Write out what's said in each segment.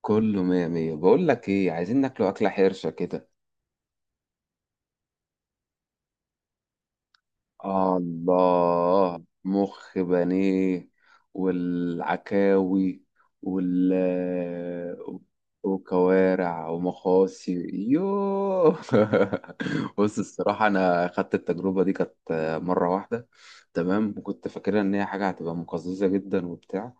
كله مية مية، بقول لك ايه؟ عايزين ناكله اكلة حرشة كده. آه، الله، مخ بانيه والعكاوي وال وكوارع ومخاصي، يوه. بص، الصراحة أنا خدت التجربة دي، كانت مرة واحدة. تمام. وكنت فاكرها إن هي حاجة هتبقى مقززة جدا وبتاع.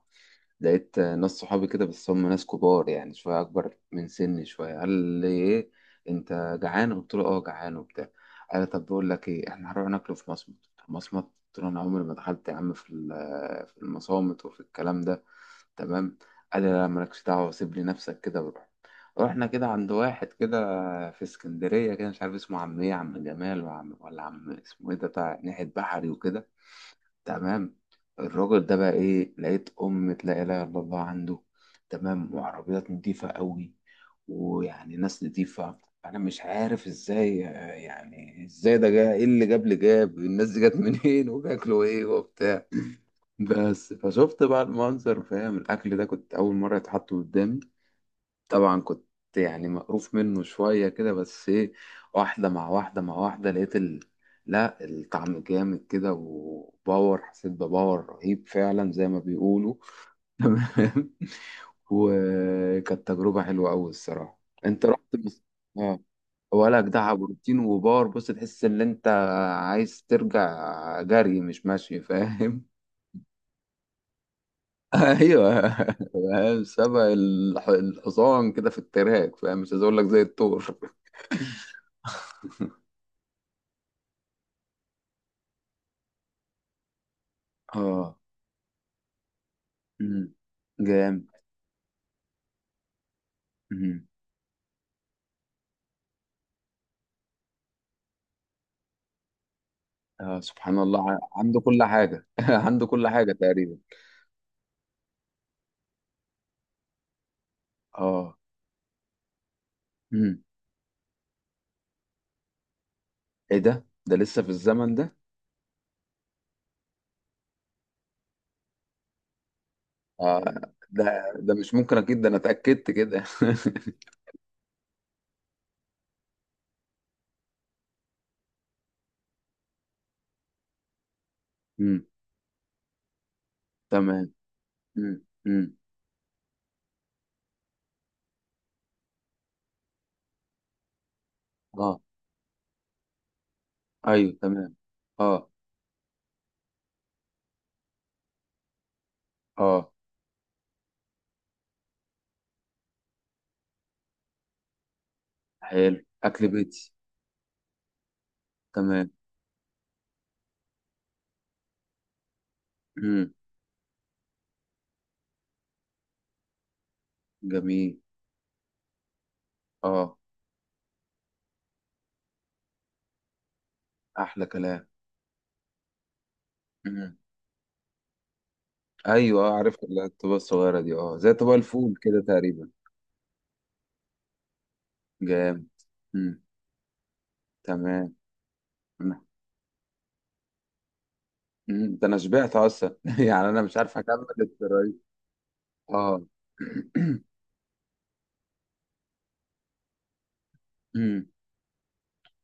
لقيت ناس صحابي كده، بس هم ناس كبار، يعني شوية أكبر من سني شوية. قال لي إيه؟ أنت جعان؟ قلت له أه، جعان وبتاع. قال لي طب بقول لك إيه، إحنا هنروح ناكله في مصمت. مصمت؟ قلت له أنا عمري ما دخلت يا عم في المصامت وفي الكلام ده. تمام. قال لي لا، مالكش دعوة، سيب لي نفسك كده وروح. رحنا كده عند واحد كده في اسكندرية كده، مش عارف اسمه عم إيه، عم جمال وعم ولا عم، اسمه إيه ده، بتاع ناحية بحري وكده. تمام. الراجل ده بقى ايه، لقيت أمة لا إله إلا الله عنده. تمام. وعربيات نضيفة قوي، ويعني ناس نضيفة. أنا مش عارف إزاي، يعني إزاي ده جاي، إيه اللي جاب، اللي جاب الناس دي، جت منين وبياكلوا إيه وبتاع. بس فشفت بقى المنظر، فاهم؟ الأكل ده كنت أول مرة يتحط قدامي. طبعا كنت يعني مقروف منه شوية كده، بس ايه، واحدة مع واحدة مع واحدة، لقيت ال... لا، الطعم جامد كده، وباور، حسيت بباور رهيب فعلا زي ما بيقولوا. تمام. وكانت تجربة حلوة أوي الصراحة. انت رحت بس؟ اه، ولا جدع، بروتين وباور. بص، تحس ان انت عايز ترجع جري، مش ماشي، فاهم؟ ايوه. فاهم؟ سبق الحصان كده في التراك، فاهم؟ مش عايز اقول لك زي الثور. اه. امم، جامد. امم. آه، سبحان الله، عنده كل حاجة. عنده كل حاجة تقريبا. اه. امم. ايه ده لسه في الزمن ده؟ آه. ده، ده مش ممكن، اكيد ده انا اتأكدت كده. امم. تمام. امم، امم. اه. ايوه، تمام. اه، اه. حلو، اكل بيتي. تمام. امم. جميل. اه. احلى كلام. امم. ايوه، آه، عرفت الطبقة الصغيرة دي، اه، زي طبق الفول كده تقريبا. جامد. مم. تمام. مم. ده انا شبعت اصلا، يعني انا مش عارف اكمل التراي. اه. مم.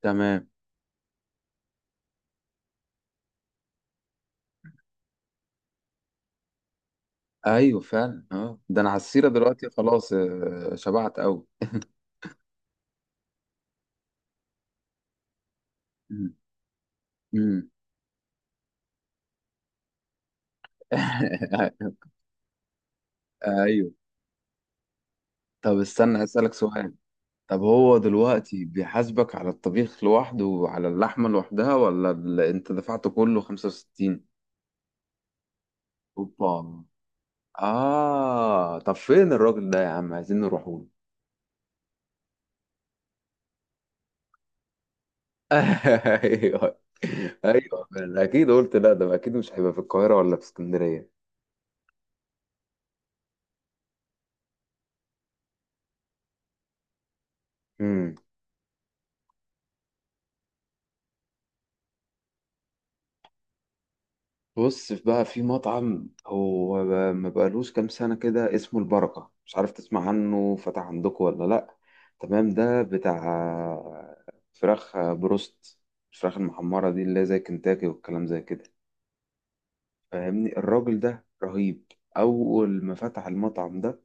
تمام. ايوه فعلا، اه، ده انا على السيره دلوقتي خلاص، آه، شبعت قوي. مم. مم. ايوه. طب استنى هسألك سؤال. طب هو دلوقتي بيحاسبك على الطبيخ لوحده وعلى اللحمه لوحدها، ولا انت دفعته كله 65؟ اوبا، اه. طب فين الراجل ده يا عم، عايزين نروحوا. ايوه، ايوه. أنا اكيد قلت لا، ده اكيد مش هيبقى في القاهره ولا في اسكندريه. امم. بص، بقى في مطعم هو بقى، ما بقالوش كام سنه كده، اسمه البركه، مش عارف تسمع عنه، فتح عندكم ولا لا؟ تمام. ده بتاع فراخ بروست، الفراخ المحمره دي، اللي هي زي كنتاكي والكلام زي كده. فاهمني؟ الراجل ده رهيب، اول ما فتح المطعم ده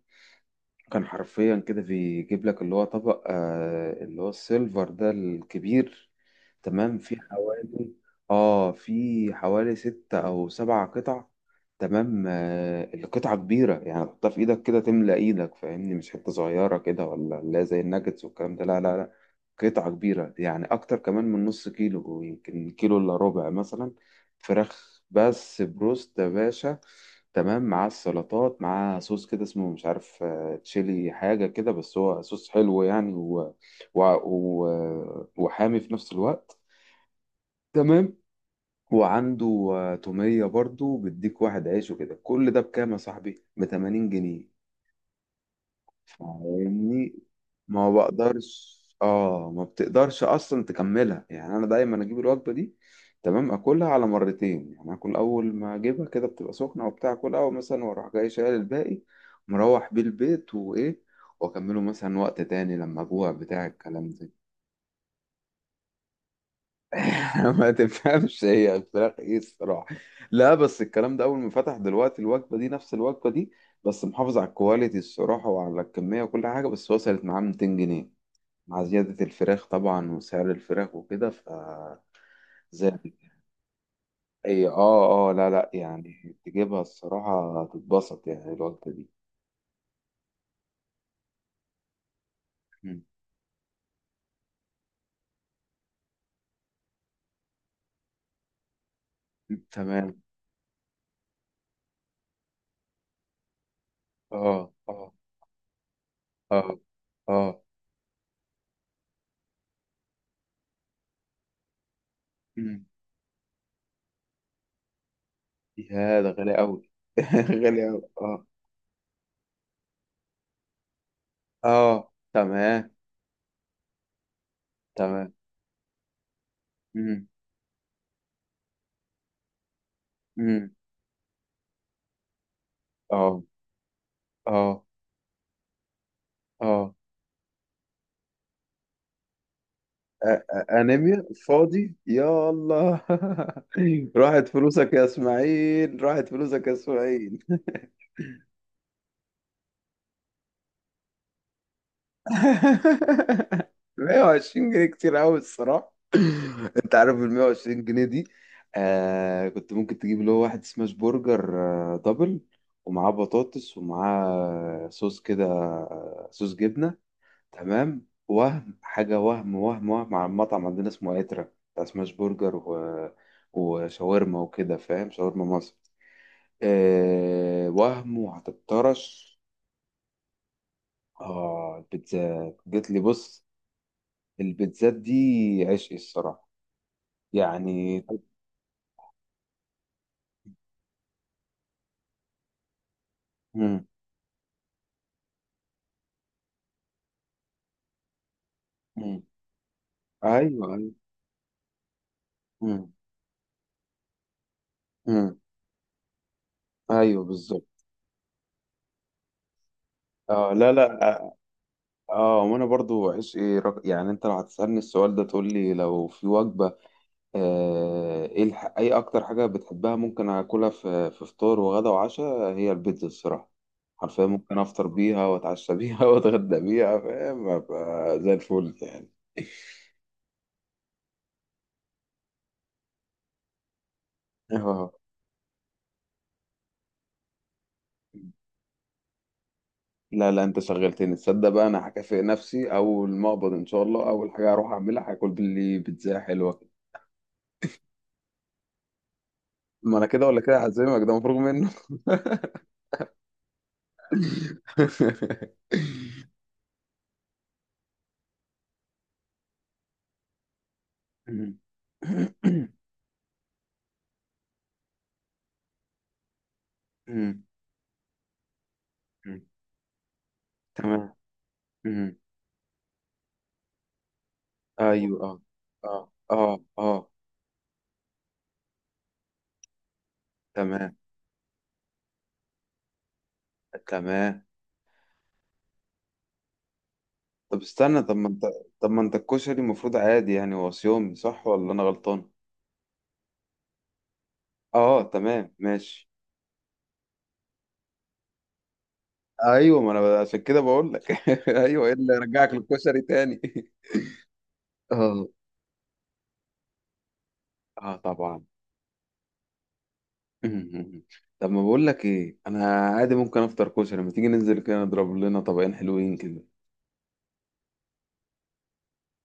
كان حرفيا كده بيجيب لك اللي هو طبق، آه، اللي هو السيلفر ده الكبير. تمام، فيه حوالي، اه، فيه حوالي ستة أو سبعة قطع. تمام. آه، القطعة كبيرة، يعني تحطها في إيدك كده تملى إيدك، فاهمني؟ مش حتة صغيرة كده ولا لا زي الناجتس والكلام ده، لا لا لا. قطعة كبيرة، يعني أكتر كمان من نص كيلو، يمكن كيلو إلا ربع مثلا. فراخ بس، بروست يا باشا. تمام. مع السلطات، مع صوص كده اسمه مش عارف، تشيلي حاجة كده، بس هو صوص حلو يعني، وحامي في نفس الوقت. تمام. وعنده آه، تومية برضو، بيديك واحد عيش وكده، كل ده بكام يا صاحبي؟ ب 80 جنيه. فاهمني؟ ما بقدرش، اه، ما بتقدرش اصلا تكملها، يعني انا دايما اجيب الوجبه دي. تمام. اكلها على مرتين، يعني اكل اول ما اجيبها كده بتبقى سخنه وبتاع، اكلها اول مثلا، واروح جاي شايل الباقي، مروح بيه البيت، وايه، واكمله مثلا وقت تاني لما اجوع بتاع الكلام ده. ما تفهمش هي الفراخ ايه الصراحه. لا، بس الكلام ده اول ما فتح، دلوقتي الوجبه دي نفس الوجبه دي، بس محافظ على الكواليتي الصراحه وعلى الكميه وكل حاجه، بس وصلت معاه 200 جنيه مع زيادة الفراخ طبعا وسعر الفراخ وكده، ف زاد. اي، اه، اه، لا لا، يعني تجيبها الصراحة تتبسط، يعني الوجبة دي. مم. تمام. اه اه اه اه. مم. يا ده غالي أوي. غالي أوي، اه. اه، تمام. تمام. مم. مم. اه اه اه. أنيميا فاضي، يا الله. راحت فلوسك يا إسماعيل، راحت فلوسك يا إسماعيل. 120 جنيه كتير قوي الصراحه. انت عارف ال 120 جنيه دي، آه، كنت ممكن تجيب اللي هو واحد سماش برجر، آه، دبل، ومعاه بطاطس ومعاه صوص كده، آه، صوص جبنه. تمام. وهم حاجه، وهم على المطعم عندنا اسمه اترا، بتاع سماش برجر و... وشاورما وكده، فاهم شاورما مصر؟ آه، وهم، وهتطرش. اه، البيتزا جت لي، بص، البيتزات دي عشقي الصراحة، يعني. مم. مم. ايوه، ايوه. مم. مم. ايوه بالظبط. اه، لا لا، اه، آه، وانا برضو عشقي رق... يعني انت لو هتسألني السؤال ده، تقول لي لو في وجبة، آه، ايه الح... اي اكتر حاجة بتحبها ممكن اكلها في في فطار وغدا وعشاء، هي البيتزا الصراحة. حرفيا ممكن افطر بيها واتعشى بيها واتغدى بيها، فاهم؟ أبقى زي الفل يعني. اه، لا لا. انت شغلتني، تصدق؟ بقى انا هكافئ نفسي اول ما اقبض ان شاء الله، اول حاجه هروح اعملها هاكل باللي بيتزا حلوه. ما انا كده ولا كده هعزمك، ده مفروغ منه. تمام. ايوه. اه اه تمام. تمام. طب استنى، طب ما انت، طب ما انت الكشري المفروض عادي، يعني هو صيامي صح ولا انا غلطان؟ اه، تمام، ماشي. ايوه، ما انا عشان كده بقول لك، ايوه، ايه اللي رجعك للكشري تاني؟ اه، اه طبعا. طب ما بقول لك ايه، انا عادي ممكن افطر كشري، ما تيجي ننزل كده نضرب لنا طبقين حلوين كده.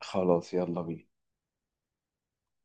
خلاص، يلا بينا.